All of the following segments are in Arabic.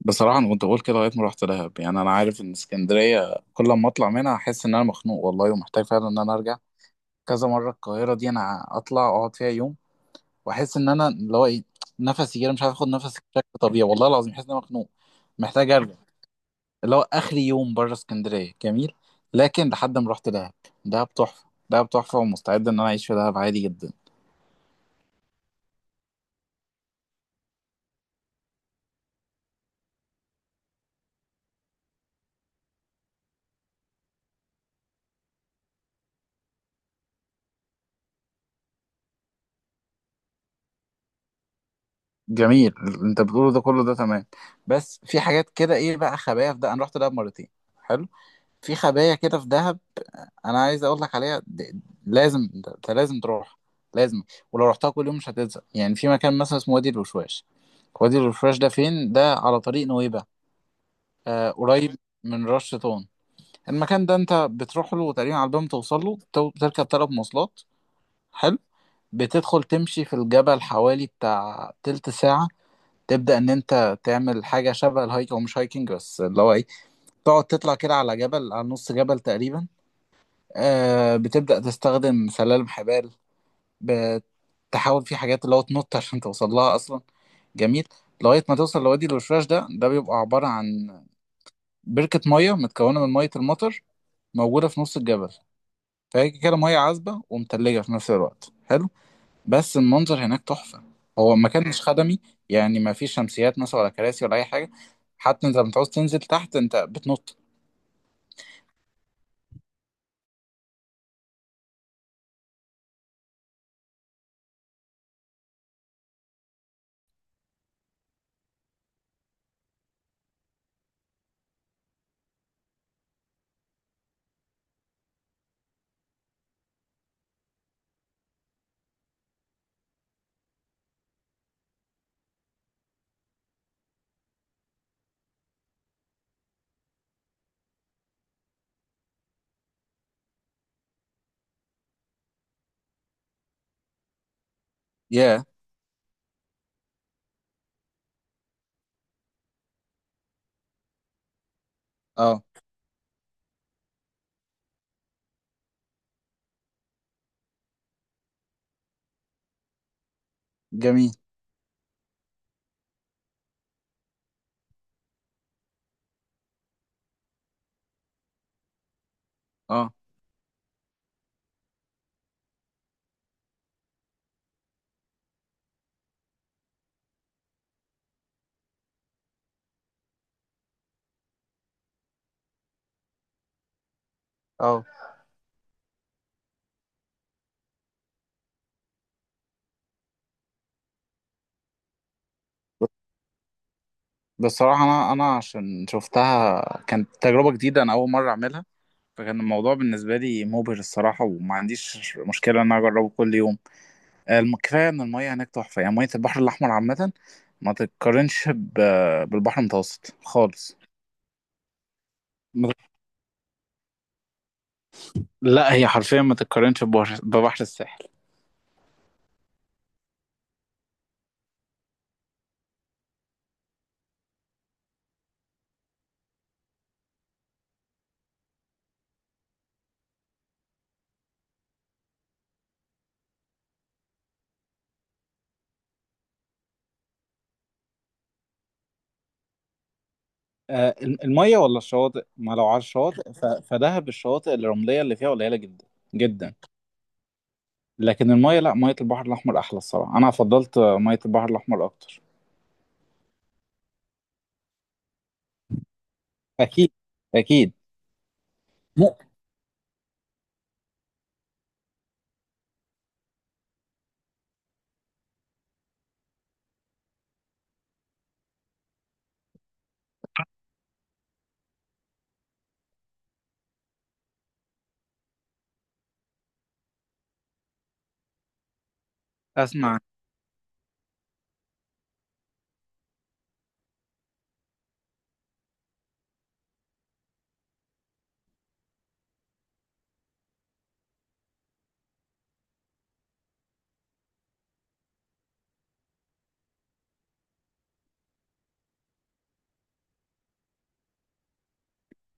بصراحة أنا كنت بقول كده لغاية ما رحت دهب. أنا عارف إن اسكندرية كل ما أطلع منها أحس إن أنا مخنوق والله، ومحتاج فعلا إن أنا أرجع. كذا مرة القاهرة دي أنا أطلع أقعد فيها يوم، وأحس إن أنا اللي هو إيه نفسي كده، مش عارف آخد نفسي بشكل طبيعي. والله العظيم أحس إن أنا مخنوق، محتاج أرجع. اللي هو آخر يوم بره اسكندرية جميل، لكن لحد ما رحت دهب. دهب تحفة، دهب تحفة، ومستعد إن أنا أعيش في دهب عادي جدا. جميل اللي أنت بتقوله ده كله، ده تمام. بس في حاجات كده، إيه بقى، خبايا في ده. أنا رحت دهب مرتين. حلو. في خبايا كده في دهب. انا عايز اقول لك عليها لازم، انت لازم تروح. لازم. ولو رحتها كل يوم مش هتزهق. يعني في مكان مثلا اسمه وادي الوشواش. وادي الوشواش ده فين؟ ده على طريق نويبع. آه قريب. من رش طون. المكان ده انت بتروح له تقريبا على الباب، توصل له بتركب ثلاث مواصلات. حلو. بتدخل تمشي في الجبل حوالي بتاع تلت ساعة. تبدأ إن أنت تعمل حاجة شبه الهايك، أو مش هايكنج بس اللي هو إيه تقعد تطلع كده على جبل، على نص جبل تقريبا. آه، بتبدأ تستخدم سلالم حبال. بتحاول في حاجات اللي هو تنط عشان توصل لها اصلا. جميل. لغايه ما توصل لوادي الوشواش. ده بيبقى عباره عن بركه ميه متكونه من ميه المطر، موجوده في نص الجبل. فهي كده ميه عذبه ومتلجه في نفس الوقت. حلو. بس المنظر هناك تحفه. هو المكان مش خدمي. يعني ما فيش شمسيات مثلا، ولا كراسي، ولا اي حاجه. حتى انت لما تعوز تنزل تحت انت بتنط. ياه. اه. جميل. اه. اه. بصراحه انا عشان شفتها كانت تجربه جديده، انا اول مره اعملها. فكان الموضوع بالنسبة لي مبهر الصراحة، وما عنديش مشكلة إن أنا أجربه كل يوم. كفاية إن المية هناك تحفة. يعني مية البحر الأحمر عامة ما تتقارنش بالبحر المتوسط خالص. ما تت- لا، هي حرفيا ما تتقارنش ببحر الساحل. المية ولا الشواطئ؟ ما لو على الشواطئ فدهب الشواطئ الرملية اللي فيها قليلة جدا. جدا. لكن المية لا، مية البحر الأحمر أحلى الصراحة. أنا فضلت مية البحر الأحمر أكتر. أكيد. أكيد. مو- اسمع.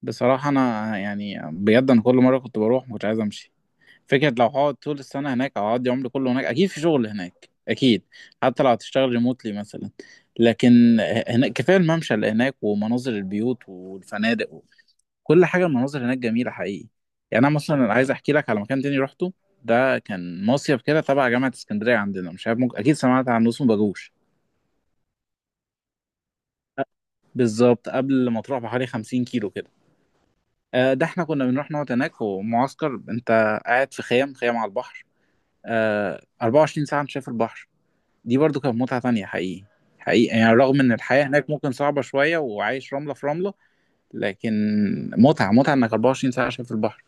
بصراحة أنا بجد، أنا كل مرة كنت بروح ما كنتش عايز أمشي. فكرة لو هقعد طول السنة هناك، أو هقضي عمري كله هناك، أكيد في شغل هناك أكيد. حتى لو هتشتغل ريموتلي مثلا. لكن هناك كفاية الممشى اللي هناك ومناظر البيوت والفنادق وكل حاجة. المناظر هناك جميلة حقيقي. يعني أنا مثلا عايز أحكي لك على مكان تاني روحته. ده كان مصيف كده تبع جامعة اسكندرية عندنا، مش عارف ممكن أكيد سمعت عنه، اسمه باجوش. بالظبط قبل ما تروح بحوالي 50 كيلو كده. ده احنا كنا بنروح نقعد هناك ومعسكر. انت قاعد في خيام، خيام على البحر. آه، 24 ساعة انت شايف البحر. دي برضو كانت متعة تانية حقيقي. حقيقي، يعني رغم ان الحياة هناك ممكن صعبة شوية، وعايش رملة في رملة. لكن متعة، متعة انك 24 ساعة شايف البحر.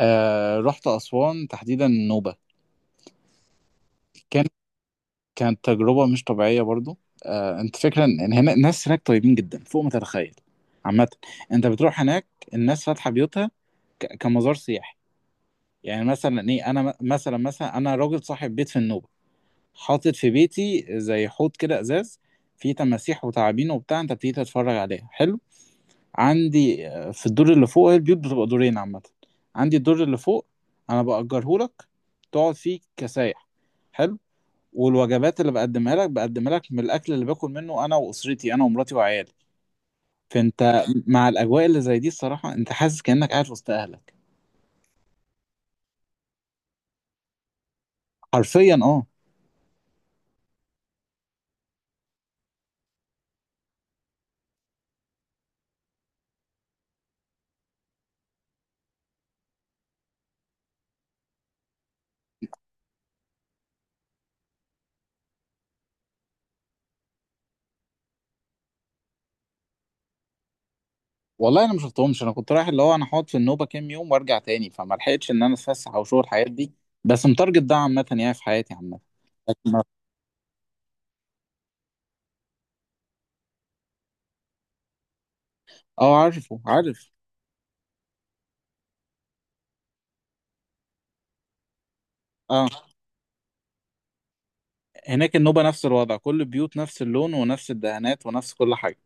آه، رحت أسوان تحديدا النوبة. كان كانت تجربة مش طبيعية برضو. آه، انت فكرة ان هنا الناس هناك طيبين جدا فوق ما تتخيل. عامة انت بتروح هناك الناس فاتحة بيوتها كمزار سياحي. يعني مثلا ايه، انا مثلا انا راجل صاحب بيت في النوبه، حاطط في بيتي زي حوض كده ازاز فيه تماسيح وتعابين وبتاع، انت بتيجي تتفرج عليها. حلو. عندي في الدور اللي فوق، هي البيوت بتبقى دورين عامه، عندي الدور اللي فوق انا بأجره لك تقعد فيه كسايح. حلو. والوجبات اللي بقدمها لك من الاكل اللي باكل منه انا واسرتي، انا ومراتي وعيالي. فانت مع الاجواء اللي زي دي الصراحه انت حاسس كانك قاعد وسط اهلك. حرفيا اه. والله انا ما شفتهمش. انا كنت رايح، اللي هو انا هقعد في النوبه كام يوم وارجع تاني، فما لحقتش ان انا اتفسح او اشوف الحاجات دي. بس متارجت ده عامه يعني، في حياتي عامه. لكن- اه، عارفه عارف. اه. هناك النوبه نفس الوضع، كل البيوت نفس اللون ونفس الدهانات ونفس كل حاجه.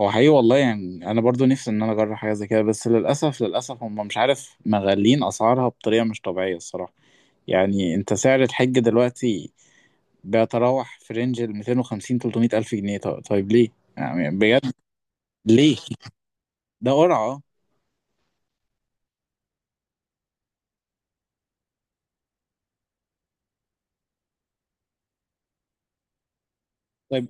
هو حقيقي والله، يعني انا برضو نفسي ان انا اجرب حاجه زي كده. بس للاسف، للاسف هم مش عارف مغلين اسعارها بطريقه مش طبيعيه الصراحه. يعني انت سعر الحج دلوقتي بيتراوح في رينج ال 250 300 الف جنيه. طيب، طيب ليه؟ يعني بجد ليه؟ ده قرعة اه. طيب.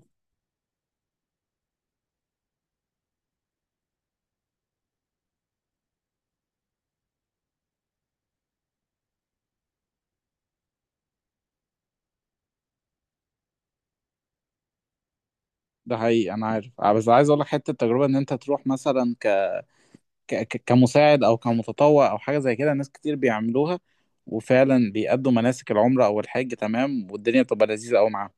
ده حقيقي انا عارف بس عايز اقول لك حته التجربه ان انت تروح مثلا كمساعد او كمتطوع او حاجه زي كده، ناس كتير بيعملوها وفعلا بيأدوا مناسك العمره او الحج. تمام، والدنيا بتبقى لذيذه قوي معاهم.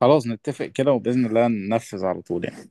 خلاص نتفق كده، وباذن الله ننفذ على طول يعني.